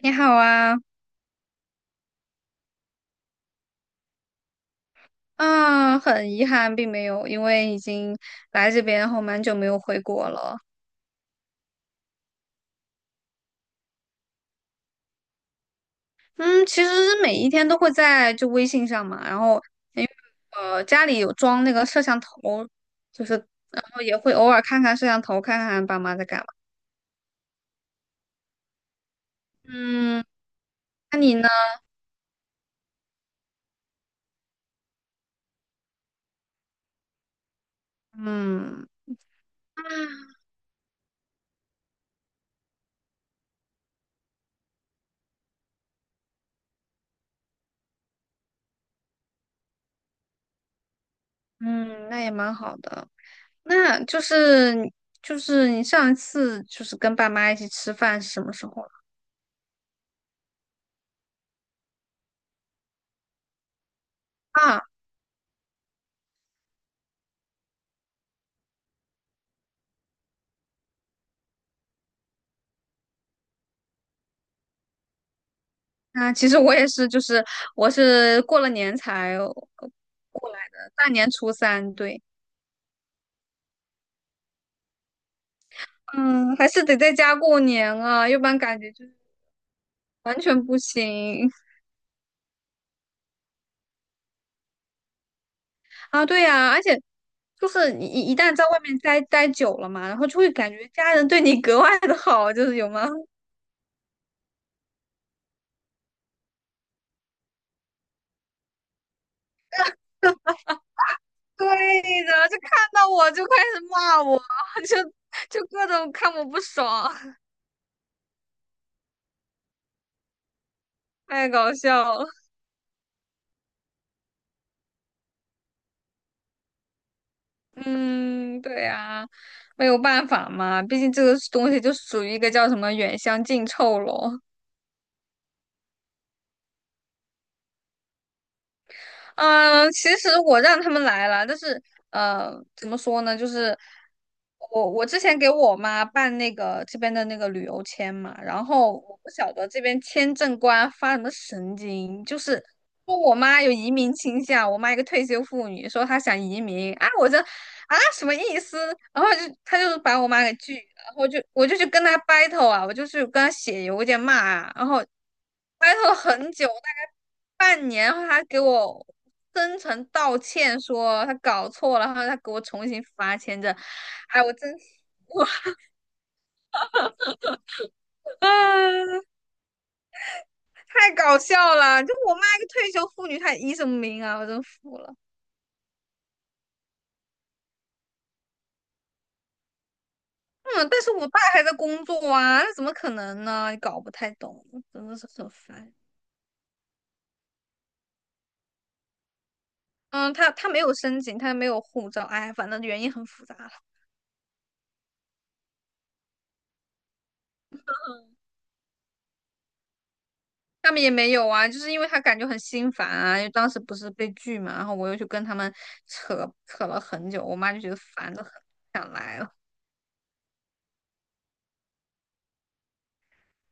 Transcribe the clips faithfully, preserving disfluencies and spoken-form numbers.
你好啊。啊，很遗憾，并没有，因为已经来这边后蛮久没有回国了。嗯，其实每一天都会在就微信上嘛，然后因为呃家里有装那个摄像头，就是然后也会偶尔看看摄像头，看看爸妈在干嘛。嗯，那你呢？嗯，嗯，那也蛮好的。那就是就是你上一次就是跟爸妈一起吃饭是什么时候了？啊，啊，其实我也是，就是我是过了年才过来的，大年初三，对。嗯，还是得在家过年啊，要不然感觉就是完全不行啊。对呀，而且就是你一一旦在外面待待久了嘛，然后就会感觉家人对你格外的好，就是有吗？对的，就看到我就开始骂我，就就各种看我不爽，太搞笑了。嗯，对呀，没有办法嘛，毕竟这个东西就属于一个叫什么"远香近臭"咯。嗯，其实我让他们来了，但是呃，怎么说呢，就是我我之前给我妈办那个这边的那个旅游签嘛，然后我不晓得这边签证官发什么神经，就是说我妈有移民倾向，我妈一个退休妇女说她想移民啊，我这啊什么意思？然后就他就是把我妈给拒，我就我就去跟他 battle 啊，我就去跟他写邮件骂啊，然后 battle 很久，大概半年，然后他给我真诚道歉，说他搞错了，然后他给我重新发签证。哎，我真。我 啊，太搞笑了！就我妈一个退休妇女，她医什么名啊？我真服了。嗯，但是我爸还在工作啊，那怎么可能呢？搞不太懂，真的是很烦。嗯，他他没有申请，他没有护照，哎，反正原因很复杂了。他们也没有啊，就是因为他感觉很心烦啊，因为当时不是被拒嘛，然后我又去跟他们扯，扯了很久，我妈就觉得烦得很，不想来了。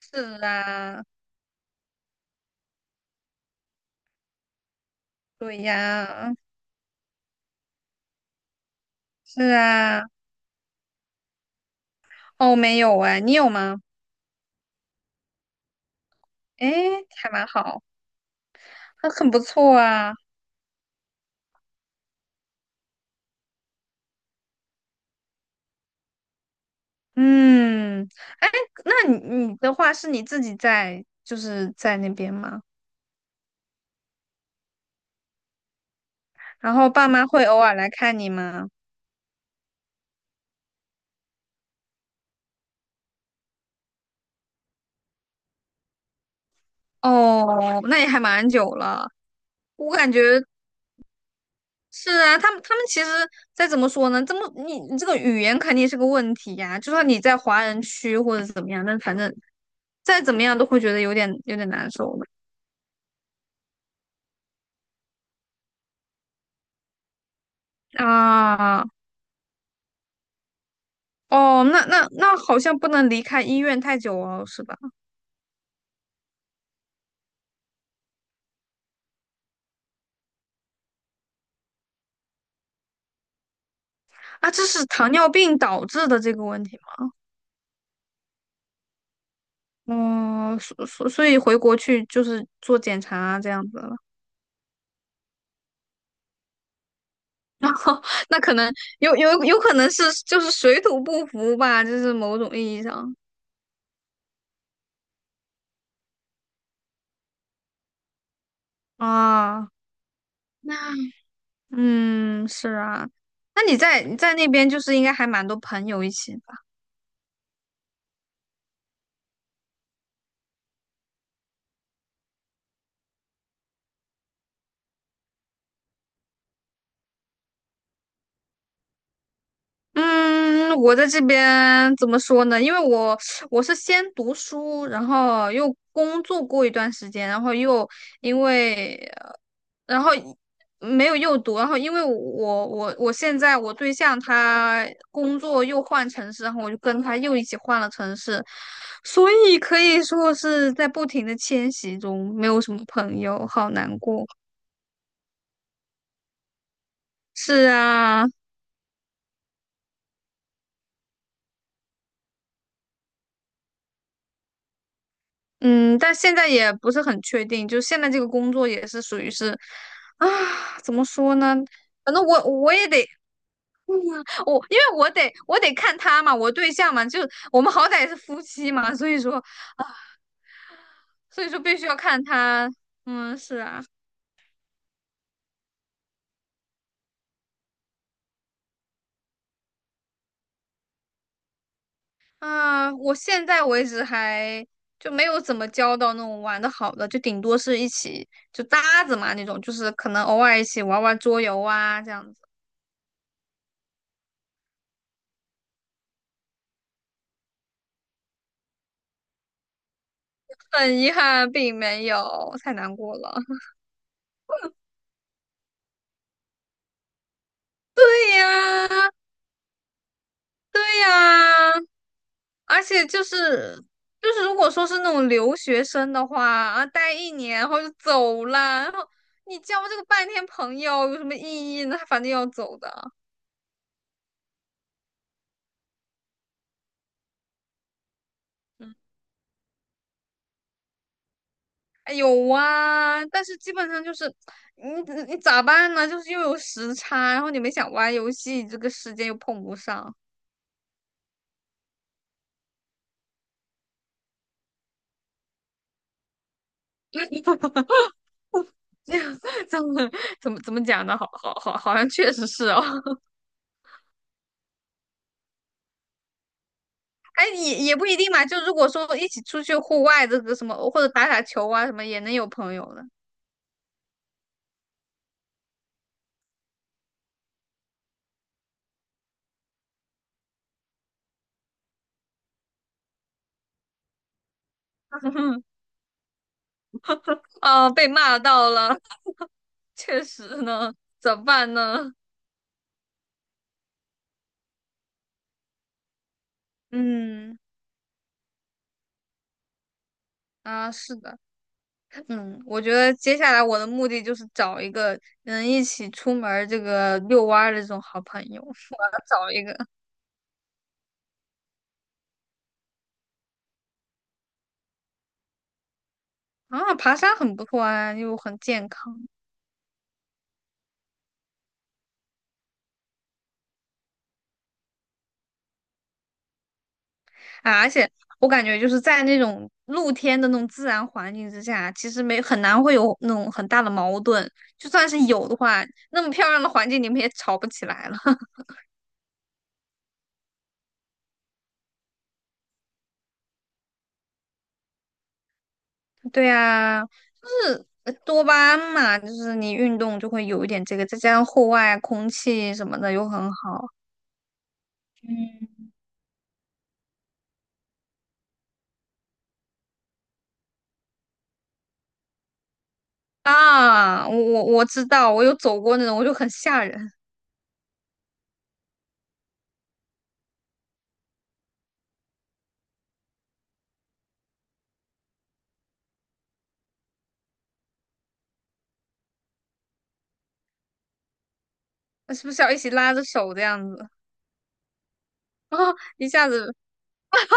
是啊，对呀，是啊。哦，没有哎，你有吗？哎，还蛮好，还很不错啊。嗯，哎，那你你的话是你自己在，就是在那边吗？然后爸妈会偶尔来看你吗？哦，那也还蛮久了。我感觉是啊，他们他们其实再怎么说呢，这么你你这个语言肯定是个问题呀、就算你在华人区或者怎么样，但反正再怎么样都会觉得有点有点难受的啊。哦，那那那好像不能离开医院太久哦，是吧？啊，这是糖尿病导致的这个问题吗？哦，所所所以回国去就是做检查啊，这样子了。然后那可能有有有可能是就是水土不服吧，就是某种意义上啊。那嗯，是啊，那你在你在那边就是应该还蛮多朋友一起吧？嗯，我在这边怎么说呢？因为我我是先读书，然后又工作过一段时间，然后又因为呃然后没有又读，然后因为我我我现在我对象他工作又换城市，然后我就跟他又一起换了城市，所以可以说是在不停的迁徙中，没有什么朋友，好难过。是啊，嗯，但现在也不是很确定，就现在这个工作也是属于是，啊，怎么说呢？反正我我也得我，因为我得我得看他嘛，我对象嘛，就我们好歹是夫妻嘛，所以说所以说必须要看他。嗯，是啊。啊，我现在为止还就没有怎么交到那种玩的好的，就顶多是一起就搭子嘛那种，就是可能偶尔一起玩玩桌游啊这样子。很遗憾，并没有，太难过了。对呀，对呀，而且就是就是，如果说是那种留学生的话啊，待一年然后就走了，然后你交这个半天朋友有什么意义呢？他反正要走的。嗯，哎有啊，但是基本上就是你你咋办呢？就是又有时差，然后你们想玩游戏，这个时间又碰不上。这样这样 怎么怎么讲呢？好好好，好像确实是哦。哎，也也不一定嘛。就如果说一起出去户外这个什么，或者打打球啊什么，也能有朋友的。啊，被骂到了，确实呢，怎么办呢？嗯，啊，是的。嗯，我觉得接下来我的目的就是找一个能一起出门儿这个遛弯儿的这种好朋友，我要找一个。啊，爬山很不错啊，又很健康。啊，而且我感觉就是在那种露天的那种自然环境之下，其实没很难会有那种很大的矛盾。就算是有的话，那么漂亮的环境你们也吵不起来了。对呀，就是呃多巴胺嘛，就是你运动就会有一点这个，再加上户外空气什么的又很好啊。我我我知道，我有走过那种，我就很吓人。那是不是要一起拉着手这样子？啊，一下子，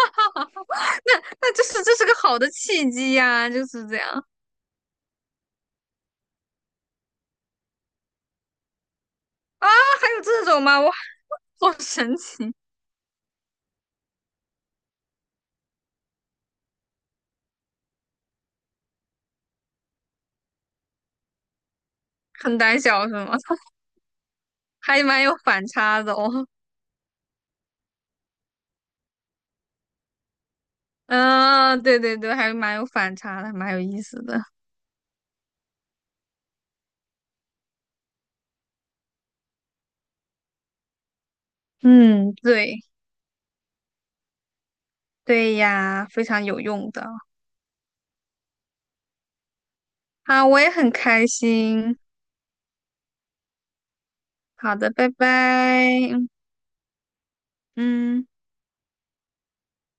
那那这是这是个好的契机呀，就是这样。还有这种吗？哇，好神奇。很胆小是吗？还蛮有反差的哦。嗯、对对对，还蛮有反差的，蛮有意思的。嗯，对，对呀，非常有用的。好，我也很开心。好的，拜拜。嗯。